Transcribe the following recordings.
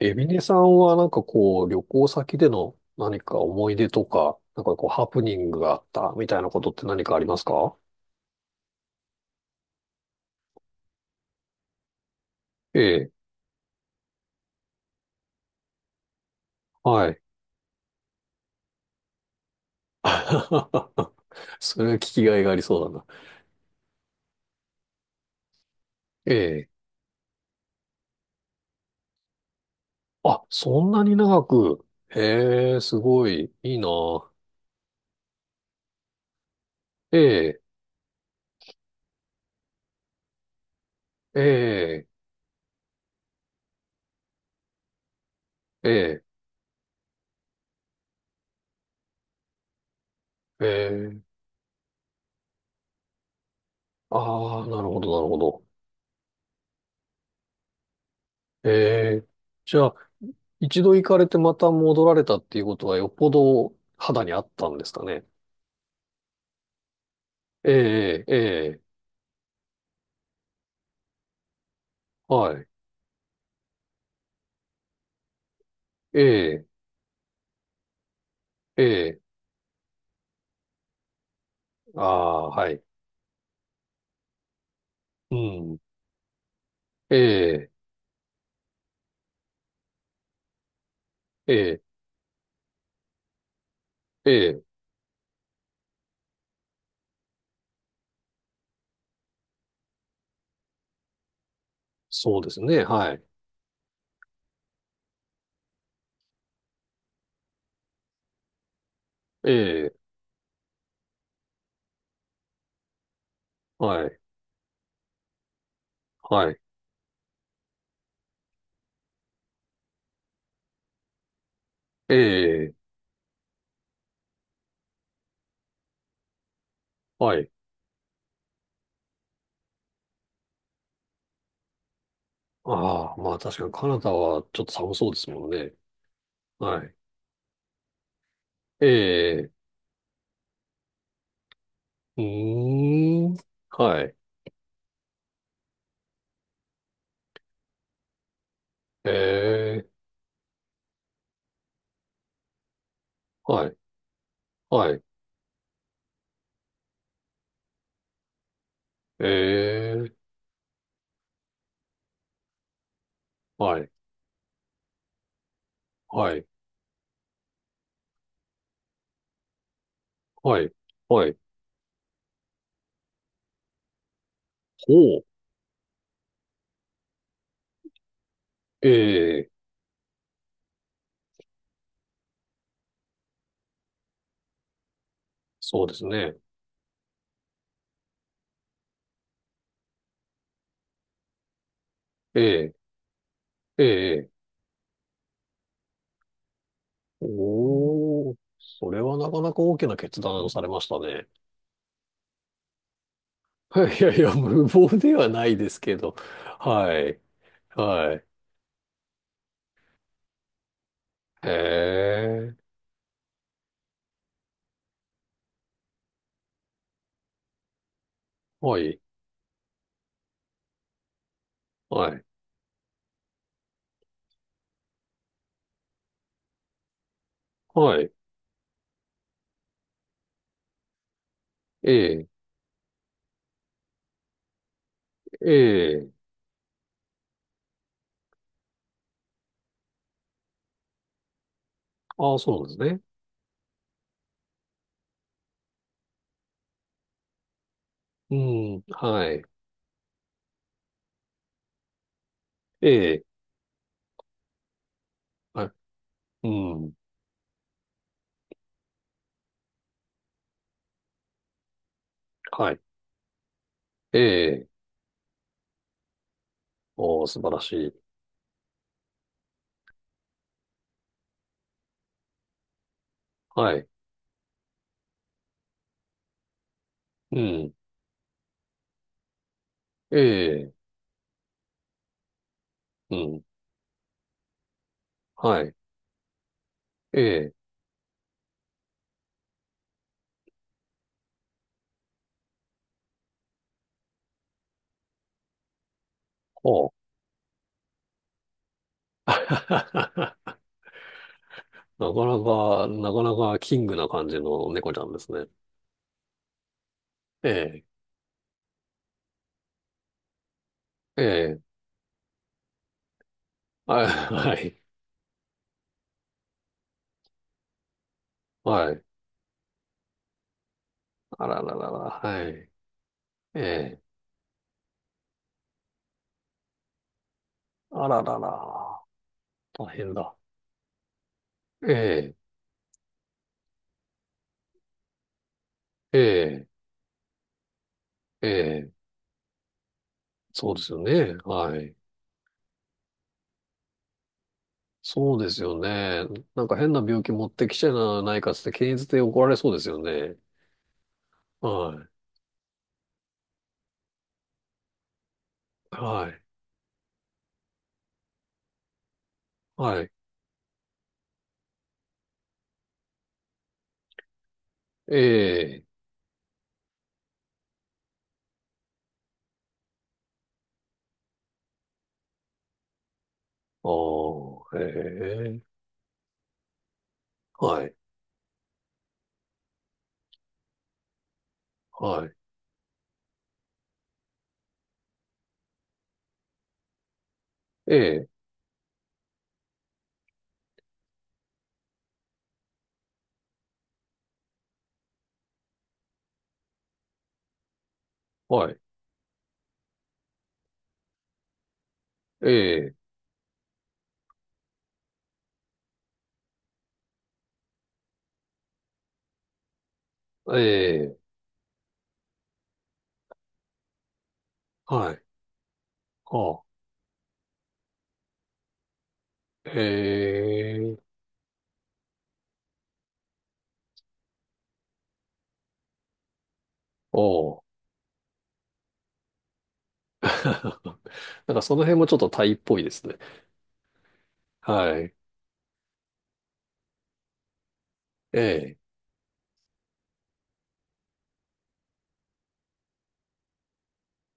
エミネさんはなんかこう、旅行先での何か思い出とか、なんかこう、ハプニングがあったみたいなことって何かありますか？ええ、はい。それは聞きがいがありそうだな。ええ。あ、そんなに長く。へえ、すごい、いいな。ええ、ええ、ええ、ええ。ああ、なるほど、なるほど。ええ。じゃあ、一度行かれてまた戻られたっていうことはよっぽど肌にあったんですかね？ええ、ええ、はい。ええ、ええ、ああ、はい。うん。ええ、ええ、ええ、そうですね。はい。ええ、はい、はい。ええ、はい。ああ、まあ確かにカナダはちょっと寒そうですもんね。はい。ええ、うーん。はい。ええ、はい、はい。ええ、はい、はい、はい、はい。ほう。ええ、そうですね。ええ、ええ。おー、それはなかなか大きな決断をされましたね。いやいや、無謀ではないですけど。はい。はい。へえ。はい。はい。はい。ええ。ええ。ああ、そうなんですね。うん。はい。ええ。はい。うん。はい。ええ。おー、素晴らしい。はい。うん。ええ。うん。はい。ええ。おー。なかなか、なかなかキングな感じの猫ちゃんですね。ええ。ええ、はい、はい、はい。あらららら、はい。ええ、あららら、大変だ。ええ、ええ、ええ、そうですよね。はい。そうですよね。なんか変な病気持ってきちゃないかっつって検閲で怒られそうですよね。はい、はい、はい。ええ、ああ、ええ、はい、はい。ええ、はい、ええ、ええ、はい、ああ、ええ、ああ。なんかその辺もちょっとタイっぽいですね。はい。ええ。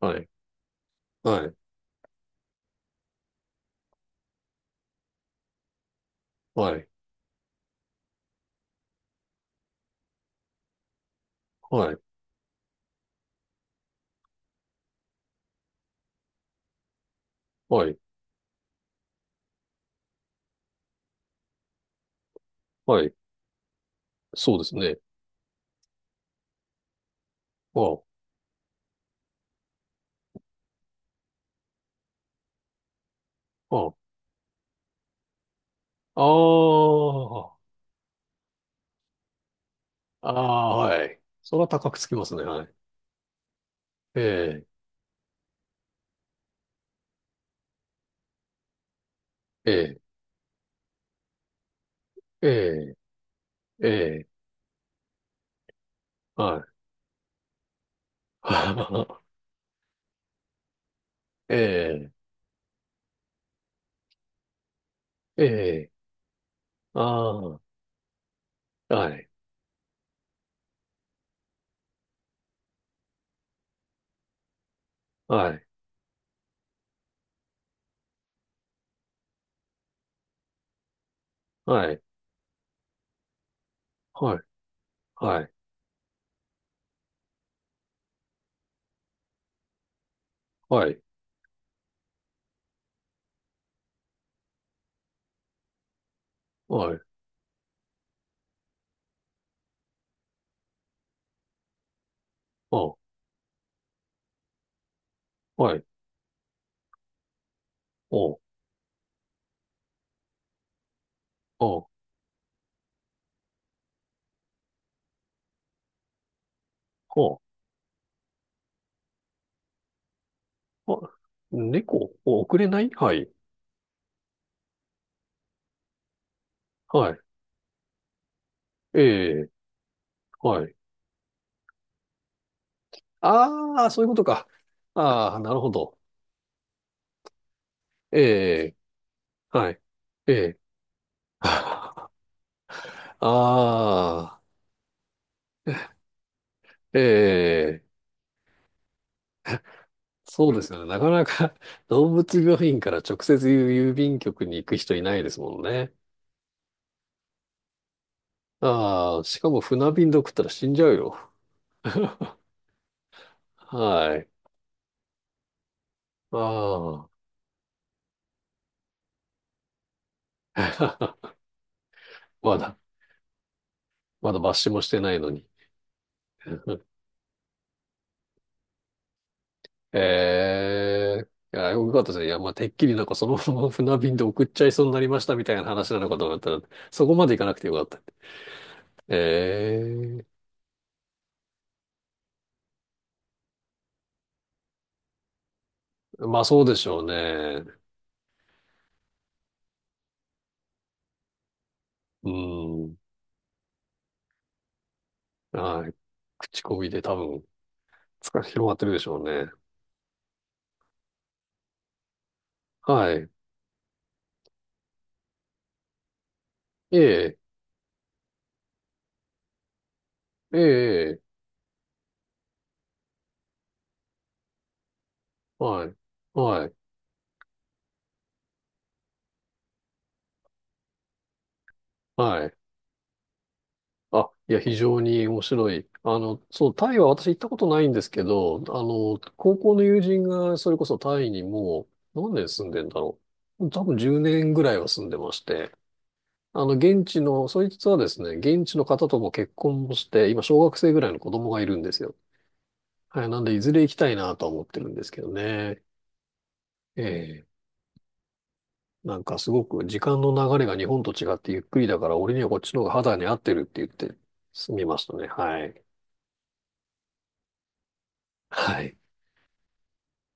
はい。はい。はい。はい。はい。はい。そうですね。ああ。ああ。ああ。ああはい。それは高くつきますね。はい。ええ。ええ。ええ。ええ。はい。ええ。ええ。ああ。はい。はい。はい。はい。はい。はい。はい。あはい。お。お。お。お。猫、お遅れないはい。はい。ええ、はい。ああ、そういうことか。ああ、なるほど。ええ、はい。ええ。ああ、ええ、そうですよね。なかなか 動物病院から直接郵便局に行く人いないですもんね。ああ、しかも船便で送ったら死んじゃうよ。はい。ああ、まだ、まだ抜死もしてないのに。ええいや、よかったですね。いや、まあ、てっきりなんかそのまま 船便で送っちゃいそうになりましたみたいな話なのかと思ったら、そこまで行かなくてよかった。ええまあそうでしょうね。うん。はい。口コミで多分、つか、広がってるでしょうね。はい。ええええええはい。はい。はい。あ、いや、非常に面白い。そう、タイは私行ったことないんですけど、あの、高校の友人がそれこそタイにもう何年住んでんだろう。多分10年ぐらいは住んでまして、あの、現地の、そいつはですね、現地の方とも結婚もして、今小学生ぐらいの子供がいるんですよ。はい、なんでいずれ行きたいなとは思ってるんですけどね。ええ、なんかすごく時間の流れが日本と違ってゆっくりだから、俺にはこっちの方が肌に合ってるって言って住みましたね。はい。はい。